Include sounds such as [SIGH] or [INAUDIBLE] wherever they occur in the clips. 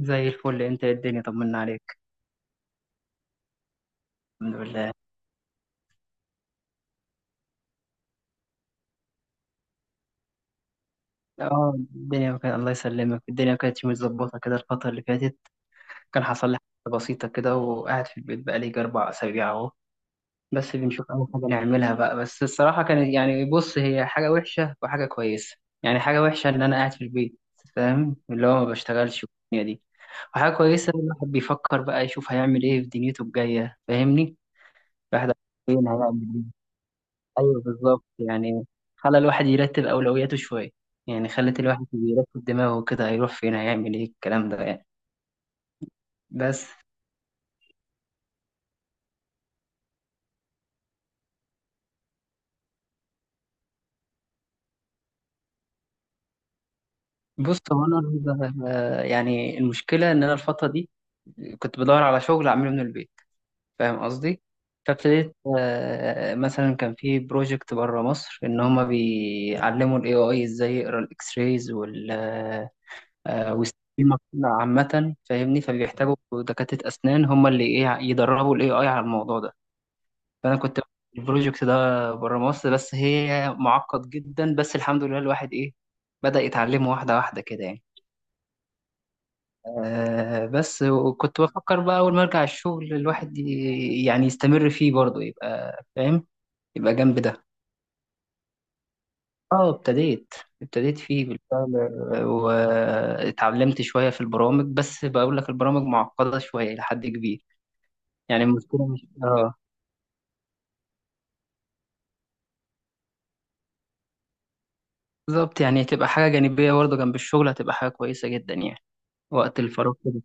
زي الفل، انت ايه الدنيا؟ طمنا عليك. الحمد لله. اه، الدنيا كانت، الله يسلمك، الدنيا كانت مش متظبطه كده الفتره اللي فاتت. كان حصل لي حاجه بسيطه كده وقاعد في البيت بقالي يجي 4 اسابيع اهو. بس بنشوف اي حاجه نعملها بقى. بس الصراحه كانت، يعني بص، هي حاجه وحشه وحاجه كويسه. يعني حاجه وحشه ان انا قاعد في البيت، فاهم، اللي هو ما بشتغلش والدنيا دي. وحاجه كويسه إن الواحد بيفكر بقى يشوف هيعمل ايه في دنيته الجايه، فاهمني؟ الواحد فين هيعمل ايه. ايوه بالظبط يعني. خلى الواحد يرتب اولوياته شويه، يعني خلت الواحد يرتب دماغه كده، هيروح فين، هيعمل ايه، الكلام ده يعني. بس. بص، هو انا يعني المشكله ان انا الفتره دي كنت بدور على شغل اعمله من البيت، فاهم قصدي؟ فابتديت، مثلا كان في بروجكت بره مصر ان هما بيعلموا AI ازاي يقرا الاكس رايز والسكيما عامه، فاهمني؟ فبيحتاجوا دكاتره اسنان هما اللي ايه يدربوا الاي اي على الموضوع ده. فانا كنت البروجكت ده بره مصر، بس هي معقد جدا. بس الحمد لله الواحد ايه، بدأ يتعلمه واحده واحده كده يعني. بس وكنت بفكر بقى اول ما ارجع الشغل الواحد يعني يستمر فيه برضه، يبقى فاهم، يبقى جنب ده. اه ابتديت فيه بالفعل. واتعلمت شويه في البرامج، بس بقول لك البرامج معقده شويه لحد كبير. يعني المشكله مش اه بالظبط يعني، تبقى حاجه جانبيه برضه جنب الشغل، هتبقى حاجه كويسه جدا يعني، وقت الفراغ كده.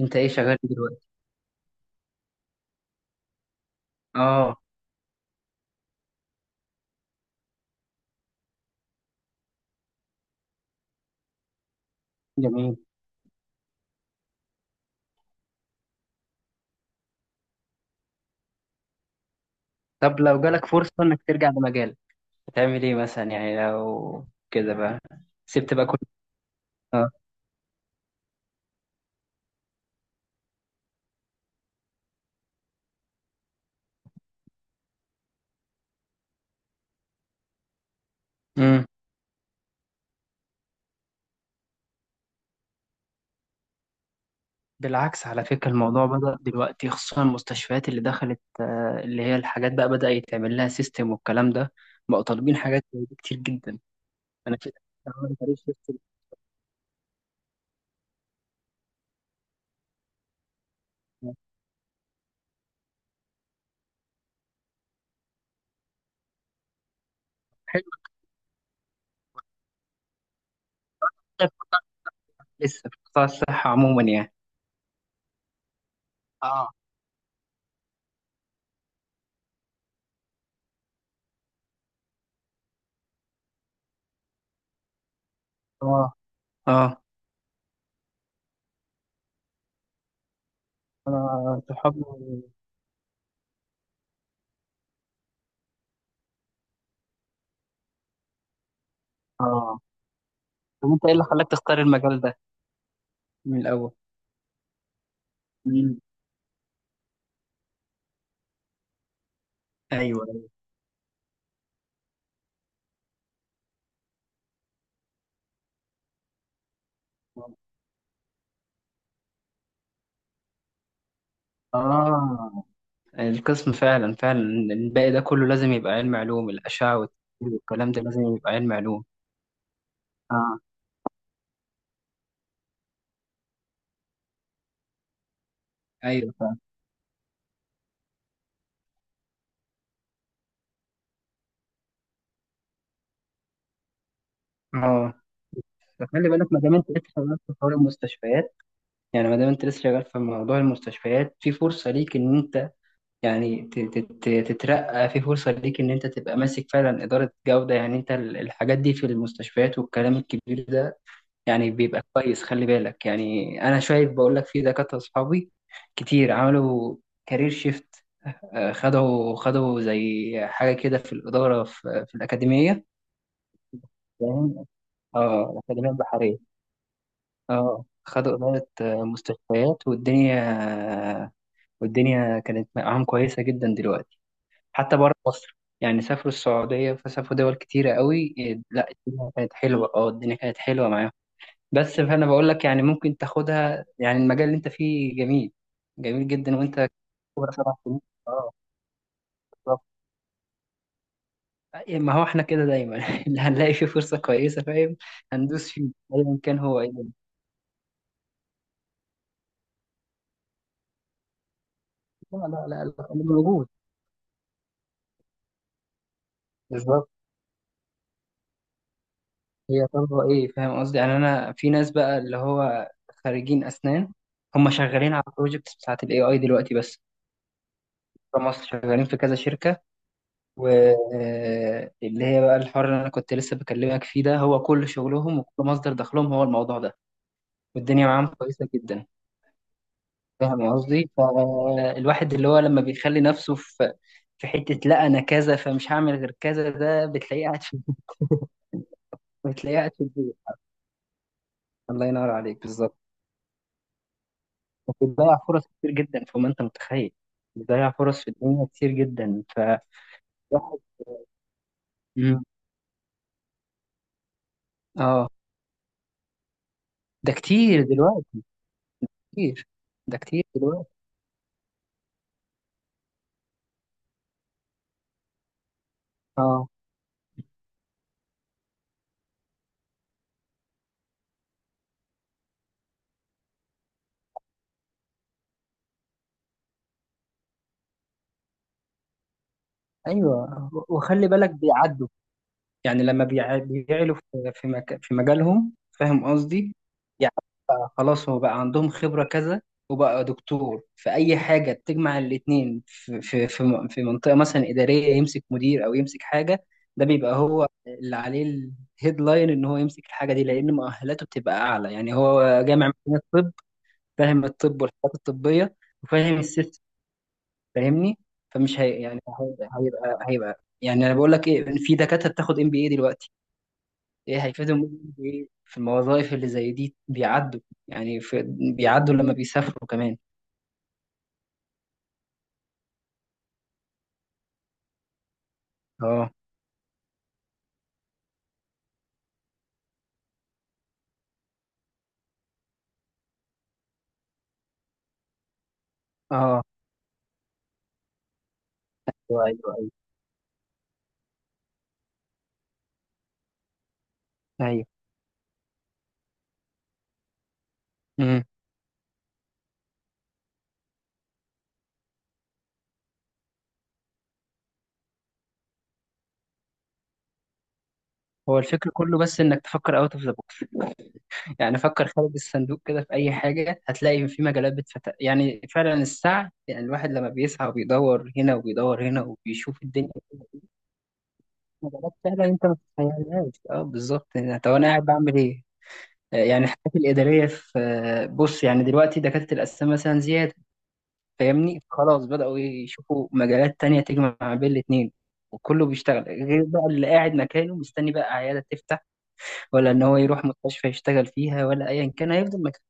انت ايه شغال إيه دلوقتي؟ اه. جميل. طب لو جالك فرصة انك ترجع لمجالك، هتعمل ايه مثلا يعني لو كده بقى؟ سبت بقى كل. اه. امم بالعكس، على فكرة، الموضوع بدأ دلوقتي، خصوصا المستشفيات اللي دخلت، اللي هي الحاجات بقى بدأ يتعمل لها سيستم والكلام ده، بقوا طالبين حاجات زي دي كتير جدا. انا في، عملت عليه سيستم. حلو. طيب، لسه في قطاع الصحة عموما يعني؟ اه، اه، اه. انا صحابي. اه. طب انت ايه اللي خلاك تختار المجال ده من الاول؟ مم. ايوه، أيوة. اه. القسم فعلا فعلا. الباقي ده كله لازم يبقى علم، علوم الاشعه والتفكير والكلام ده لازم يبقى علم، علوم. اه، ايوه، فعلا. اه. فخلي بالك، ما دام انت لسه شغال في حوار المستشفيات، يعني ما دام انت لسه شغال في موضوع المستشفيات، في فرصه ليك ان انت يعني تترقى، في فرصه ليك ان انت تبقى ماسك فعلا اداره جوده، يعني انت الحاجات دي في المستشفيات والكلام الكبير ده، يعني بيبقى كويس. خلي بالك يعني، انا شايف بقول لك في دكاتره اصحابي كتير عملوا كارير شيفت، خدوا زي حاجه كده في الاداره، في الاكاديميه، فاهم؟ اه، الاكاديميه البحريه. اه، خدوا اداره، مستشفيات، والدنيا، آه، والدنيا كانت معاهم كويسه جدا دلوقتي. حتى بره مصر يعني، سافروا السعوديه فسافروا دول كتيره قوي. لا، الدنيا كانت حلوه، اه الدنيا كانت حلوه معاهم. بس فانا بقول لك يعني، ممكن تاخدها. يعني المجال اللي انت فيه جميل، جميل جدا. وانت خبرة 7 سنين، اه بالظبط. ما هو احنا كده دايما [LAUGHS] اللي هنلاقي فيه فرصة كويسة، فاهم، هندوس فيه، ايا كان هو ايه. لا لا لا لا، اللي موجود، بالظبط، هي طالبة ايه، فاهم قصدي؟ يعني انا في ناس بقى اللي هو خريجين اسنان هم شغالين على البروجكتس بتاعت الاي اي دلوقتي بس، في مصر شغالين في كذا شركة، واللي هي بقى الحوار اللي انا كنت لسه بكلمك فيه ده هو كل شغلهم وكل مصدر دخلهم هو الموضوع ده، والدنيا معاهم كويسة جدا. فاهم قصدي؟ فالواحد اللي هو لما بيخلي نفسه في حتة، لا انا كذا فمش هعمل غير كذا، ده بتلاقيه قاعد في، [LAUGHS] بتلاقيه قاعد في البيت. الله ينور عليك، بالظبط. بتضيع فرص كتير جدا، فما انت متخيل، بتضيع فرص في الدنيا كتير جدا فالواحد. مم. اه، ده كتير دلوقتي، كتير. ده كتير دلوقتي. اه، ايوه، وخلي بالك بيعدوا، يعني لما بيعلوا في مجالهم، فاهم قصدي؟ يعني بقى خلاص، هو بقى عندهم خبرة كذا وبقى دكتور، فأي حاجة تجمع الاتنين في في منطقة مثلا إدارية، يمسك مدير أو يمسك حاجة، ده بيبقى هو اللي عليه الهيدلاين إن هو يمسك الحاجة دي، لأن مؤهلاته بتبقى أعلى، يعني هو جامع من الطب، فاهم، الطب والحاجات الطبية، وفاهم السيستم، فاهمني؟ فمش هي يعني، هيبقى يعني انا بقول لك ايه، إن في دكاتره بتاخد MBA دلوقتي. ايه هيفيدهم ام بي اي في الوظائف اللي زي دي؟ بيعدوا يعني، في، بيعدوا لما بيسافروا كمان. اه، اه. ايوه، ايوه، ايوه. امم هو الفكر كله بس انك تفكر اوت اوف ذا بوكس [LAUGHS] يعني فكر خارج الصندوق كده. في اي حاجه هتلاقي في مجالات بتفتح يعني، فعلا السعي يعني، الواحد لما بيسعى وبيدور هنا وبيدور هنا وبيشوف الدنيا، مجالات سهلة أنت ما تتخيلهاش، أه بالظبط. طب أنا قاعد بعمل إيه؟ يعني الحاجات الإدارية في، بص يعني دلوقتي دكاترة الأسنان مثلا زيادة، فاهمني؟ خلاص بدأوا يشوفوا مجالات تانية تجمع بين الاتنين، وكله بيشتغل غير بقى اللي قاعد مكانه مستني بقى عيادة تفتح، ولا إن هو يروح مستشفى يشتغل فيها، ولا أيا كان هيفضل مكانه.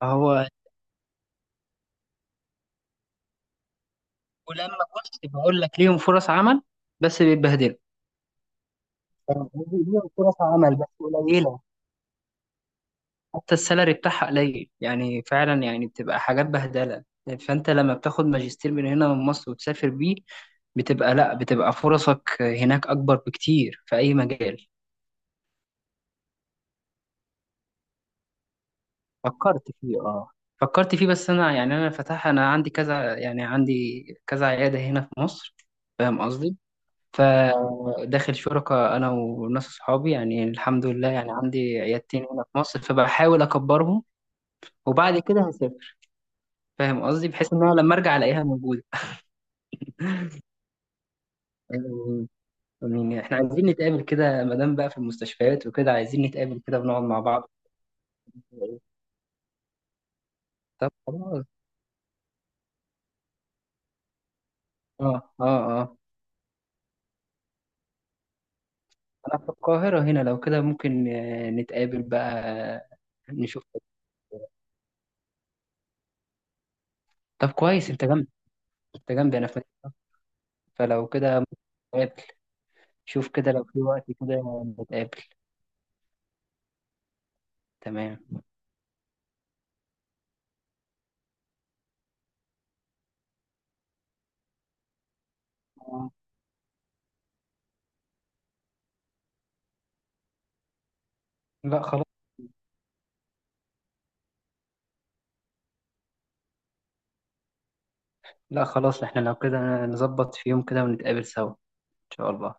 فهو، ولما بص بقول لك ليهم فرص عمل بس بيتبهدلوا. فاهم قصدي؟ ليهم فرص عمل بس قليلة، حتى السالري بتاعها قليل، يعني فعلا يعني بتبقى حاجات بهدله. فانت لما بتاخد ماجستير من هنا من مصر وتسافر بيه، بتبقى لا بتبقى فرصك هناك اكبر بكتير في اي مجال. فكرت فيه، اه فكرت فيه. بس انا يعني، انا فتح، انا عندي كذا، يعني عندي كذا عياده هنا في مصر، فاهم قصدي؟ فداخل شركة أنا وناس أصحابي يعني، الحمد لله، يعني عندي عيادتين هنا في مصر، فبحاول أكبرهم، وبعد كده هسافر، فاهم قصدي؟ بحيث إن أنا لما أرجع ألاقيها موجودة. آمين. آمين. احنا عايزين نتقابل كده، ما دام بقى في المستشفيات وكده، عايزين نتقابل كده ونقعد مع بعض. طب خلاص. اه، اه، اه. انا في القاهرة هنا، لو كده ممكن، نتقابل بقى. آه، نشوف. طب كويس، انت جنبي، انت جنبي، انا في مكتب. فلو كده ممكن نتقابل. شوف كده لو في وقت كده نتقابل. تمام. آه. لا خلاص. لا خلاص، احنا لو كده نظبط في يوم كده ونتقابل سوا ان شاء الله.